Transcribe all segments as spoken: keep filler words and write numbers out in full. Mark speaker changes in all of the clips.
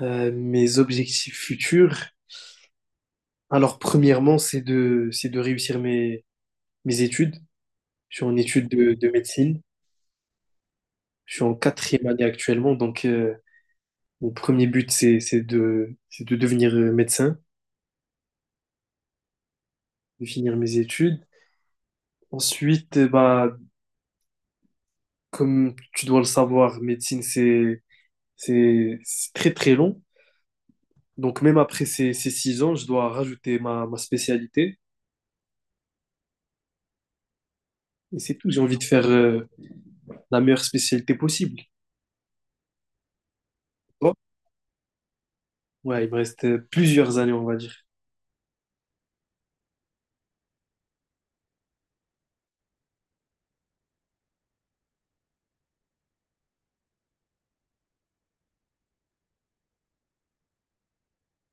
Speaker 1: Euh, mes objectifs futurs, alors premièrement, c'est de, c'est de réussir mes, mes études. Je suis en études de, de médecine. Je suis en quatrième année actuellement, donc euh, mon premier but, c'est, c'est de, c'est de devenir euh, médecin, de finir mes études. Ensuite, euh, bah, comme tu dois le savoir, médecine, c'est, c'est, c'est très très long. Donc même après ces, ces six ans, je dois rajouter ma, ma spécialité. Et c'est tout, j'ai envie de faire euh, la meilleure spécialité possible. Ouais, il me reste euh, plusieurs années, on va dire.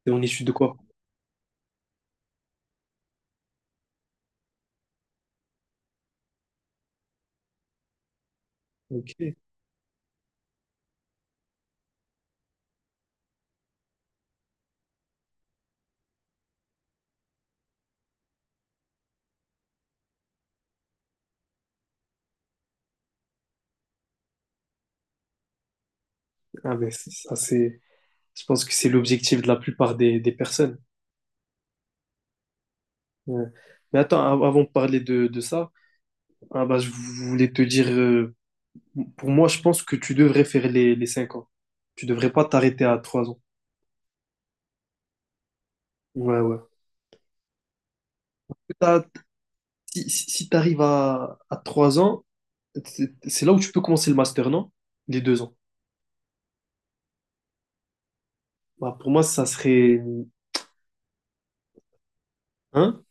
Speaker 1: Et on est issu de quoi? Ok. Ah, mais c- ça, c'est. Je pense que c'est l'objectif de la plupart des, des personnes. Ouais. Mais attends, av- avant de parler de, de ça, ah bah, je voulais te dire, euh, pour moi, je pense que tu devrais faire les, les cinq ans. Tu devrais pas t'arrêter à trois ans. Ouais, ouais. T'as- si si tu arrives à, à trois ans, c'est c'est là où tu peux commencer le master, non? Les deux ans. Bah, pour moi, ça serait. Hein?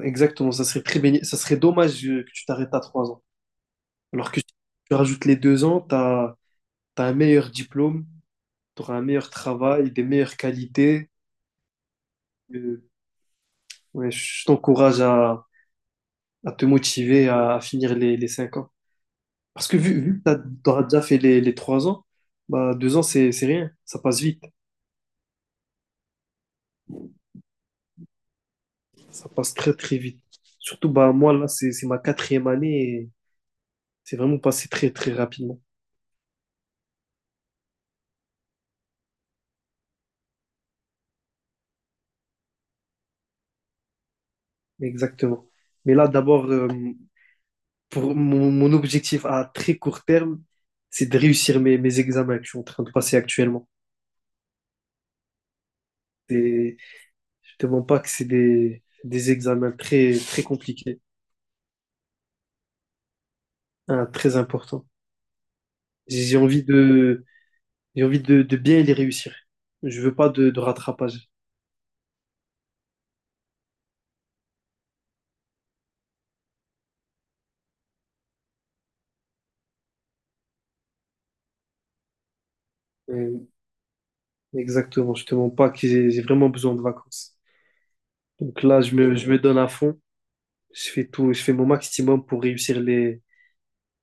Speaker 1: Exactement, ça serait très béni- ça serait dommage euh, que tu t'arrêtes à trois ans. Alors que si tu rajoutes les deux ans, tu as, un meilleur diplôme, tu auras un meilleur travail, des meilleures qualités. Euh, ouais, je t'encourage à, à te motiver à, à finir les, les cinq ans. Parce que vu, vu que tu auras déjà fait les, les trois ans, bah, deux ans, c'est, c'est rien. Ça passe vite. Ça passe très, très vite. Surtout, bah, moi, là, c'est, c'est ma quatrième année et c'est vraiment passé très, très rapidement. Exactement. Mais là, d'abord, euh, pour mon, mon objectif à très court terme, c'est de réussir mes, mes examens que je suis en train de passer actuellement. Et je te mens pas que c'est des, des examens très, très compliqués, hein, très importants. J'ai j'ai envie de, j'ai envie de, de bien les réussir. Je veux pas de, de rattrapage. Euh, Exactement, je te mens pas que j'ai j'ai vraiment besoin de vacances. Donc là, je me, je me donne à fond, je fais tout, je fais mon maximum pour réussir les,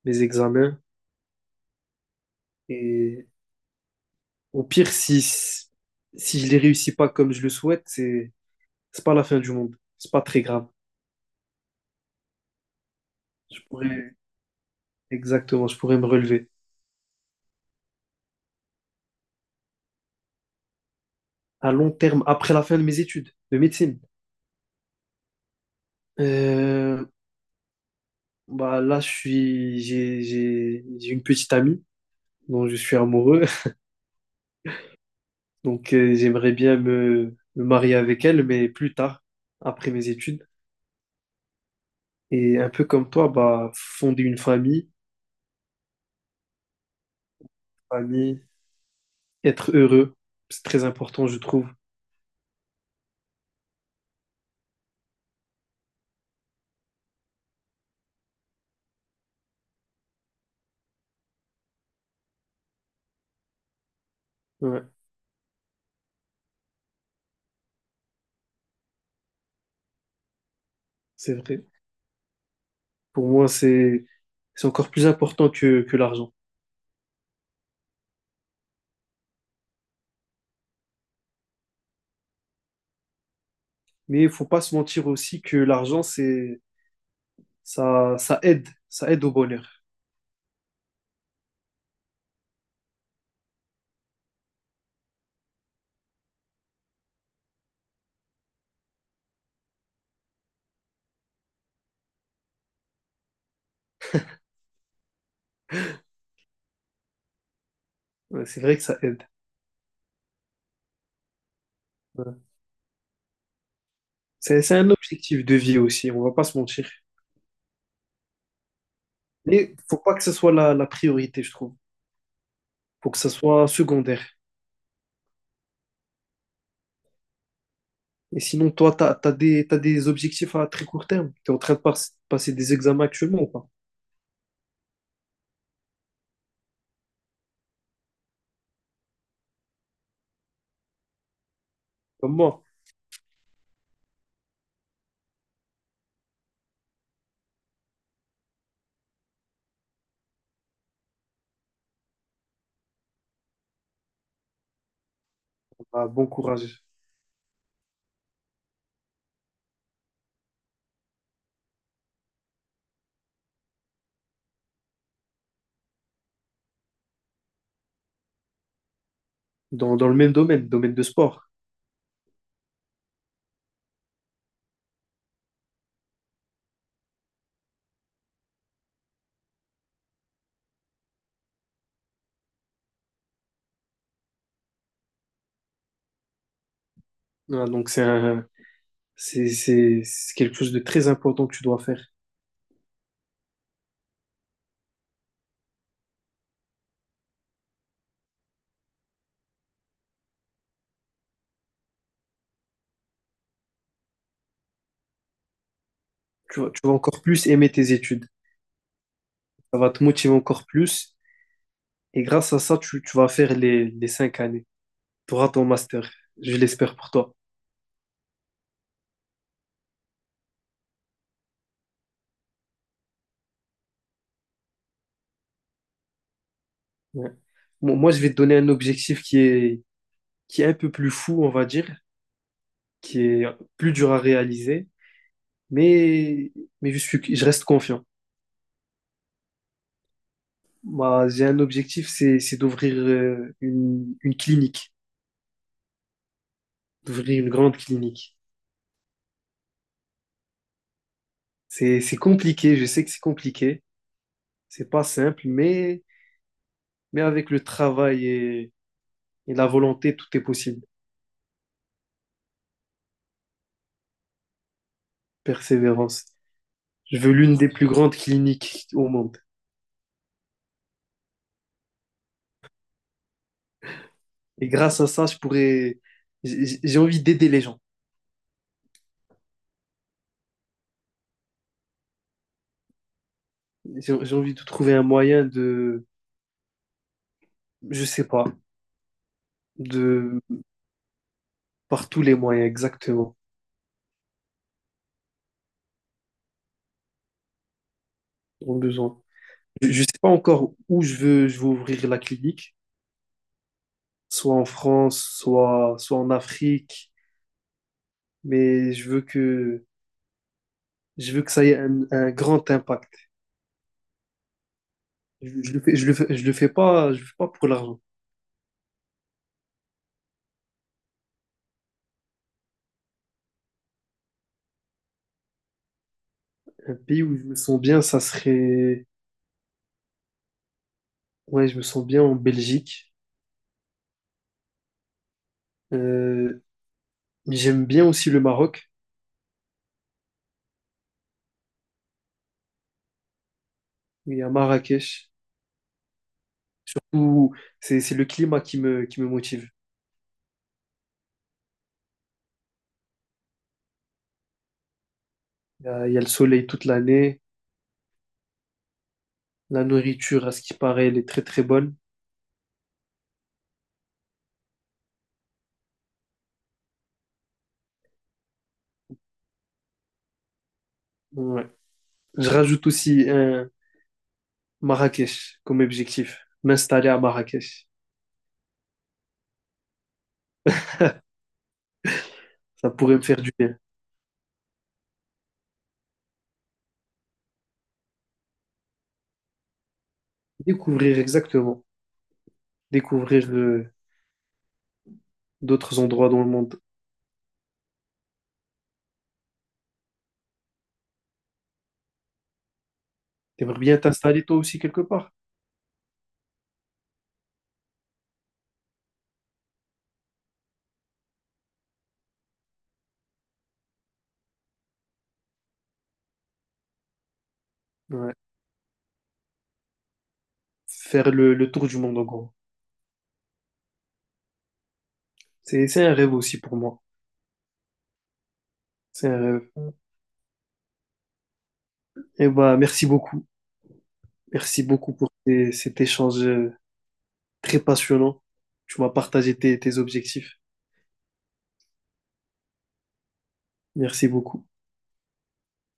Speaker 1: mes examens. Et au pire, si, si je les réussis pas comme je le souhaite, c'est, c'est pas la fin du monde. C'est pas très grave. Je pourrais, exactement, je pourrais me relever. À long terme, après la fin de mes études de médecine, euh, bah là, je suis, j'ai, j'ai, j'ai une petite amie dont je suis amoureux. Donc, euh, j'aimerais bien me, me marier avec elle, mais plus tard, après mes études. Et un peu comme toi, bah, fonder une famille, famille, être heureux, c'est très important, je trouve. Ouais, c'est vrai. Pour moi, c'est c'est encore plus important que, que l'argent. Mais il faut pas se mentir aussi que l'argent, c'est ça, ça aide, ça aide au bonheur. Ouais, c'est vrai que ça aide. Ouais. C'est c'est un objectif de vie aussi, on va pas se mentir. Mais faut pas que ce soit la, la priorité, je trouve. Faut que ça soit secondaire. Et sinon, toi, t'as t'as des, t'as des objectifs à très court terme. t'es en train de pas- passer des examens actuellement ou pas? Comme moi. Ah, bon courage. dans, dans le même domaine, domaine de sport. Voilà, donc c'est un, C'est, c'est, c'est quelque chose de très important que tu dois faire. Tu vas, tu vas encore plus aimer tes études. Ça va te motiver encore plus. Et grâce à ça, tu, tu vas faire les, les cinq années. Tu auras ton master. Je l'espère pour toi. Ouais. Bon, moi, je vais te donner un objectif qui est, qui est un peu plus fou, on va dire. qui est plus dur à réaliser, mais, mais je suis, je reste confiant. Moi, j'ai un objectif, c'est, c'est d'ouvrir euh, une, une clinique, d'ouvrir une grande clinique. C'est, c'est compliqué, je sais que c'est compliqué, c'est pas simple, mais, mais avec le travail et, et la volonté, tout est possible. Persévérance. Je veux l'une des plus grandes cliniques au monde. Et grâce à ça, je pourrais, j'ai j'ai envie d'aider les gens. J'ai j'ai envie de trouver un moyen de, je sais pas, de. Par tous les moyens, exactement, ont besoin. Je ne sais pas encore où je veux, je veux ouvrir la clinique, soit en France, soit, soit en Afrique, mais je veux que, je veux que ça ait un, un grand impact. Je, je le fais, je le fais, je le fais pas, je le fais pas pour l'argent. Un pays où je me sens bien, ça serait, ouais, je me sens bien en Belgique. Euh, J'aime bien aussi le Maroc, et à Marrakech, où c'est, c'est le climat qui me, qui me motive. Il y a, il y a le soleil toute l'année. La nourriture, à ce qui paraît, elle est très très bonne. Ouais. Je rajoute aussi un Marrakech comme objectif. M'installer à Marrakech. Ça pourrait me faire du bien. Découvrir exactement. Découvrir le- d'autres endroits dans le monde. T'aimerais bien t'installer toi aussi quelque part. Ouais. Faire le, le tour du monde en gros. C'est, c'est un rêve aussi pour moi. C'est un rêve. Et bah, merci beaucoup. Merci beaucoup pour ces- cet échange euh, très passionnant. Tu m'as partagé tes tes objectifs. Merci beaucoup.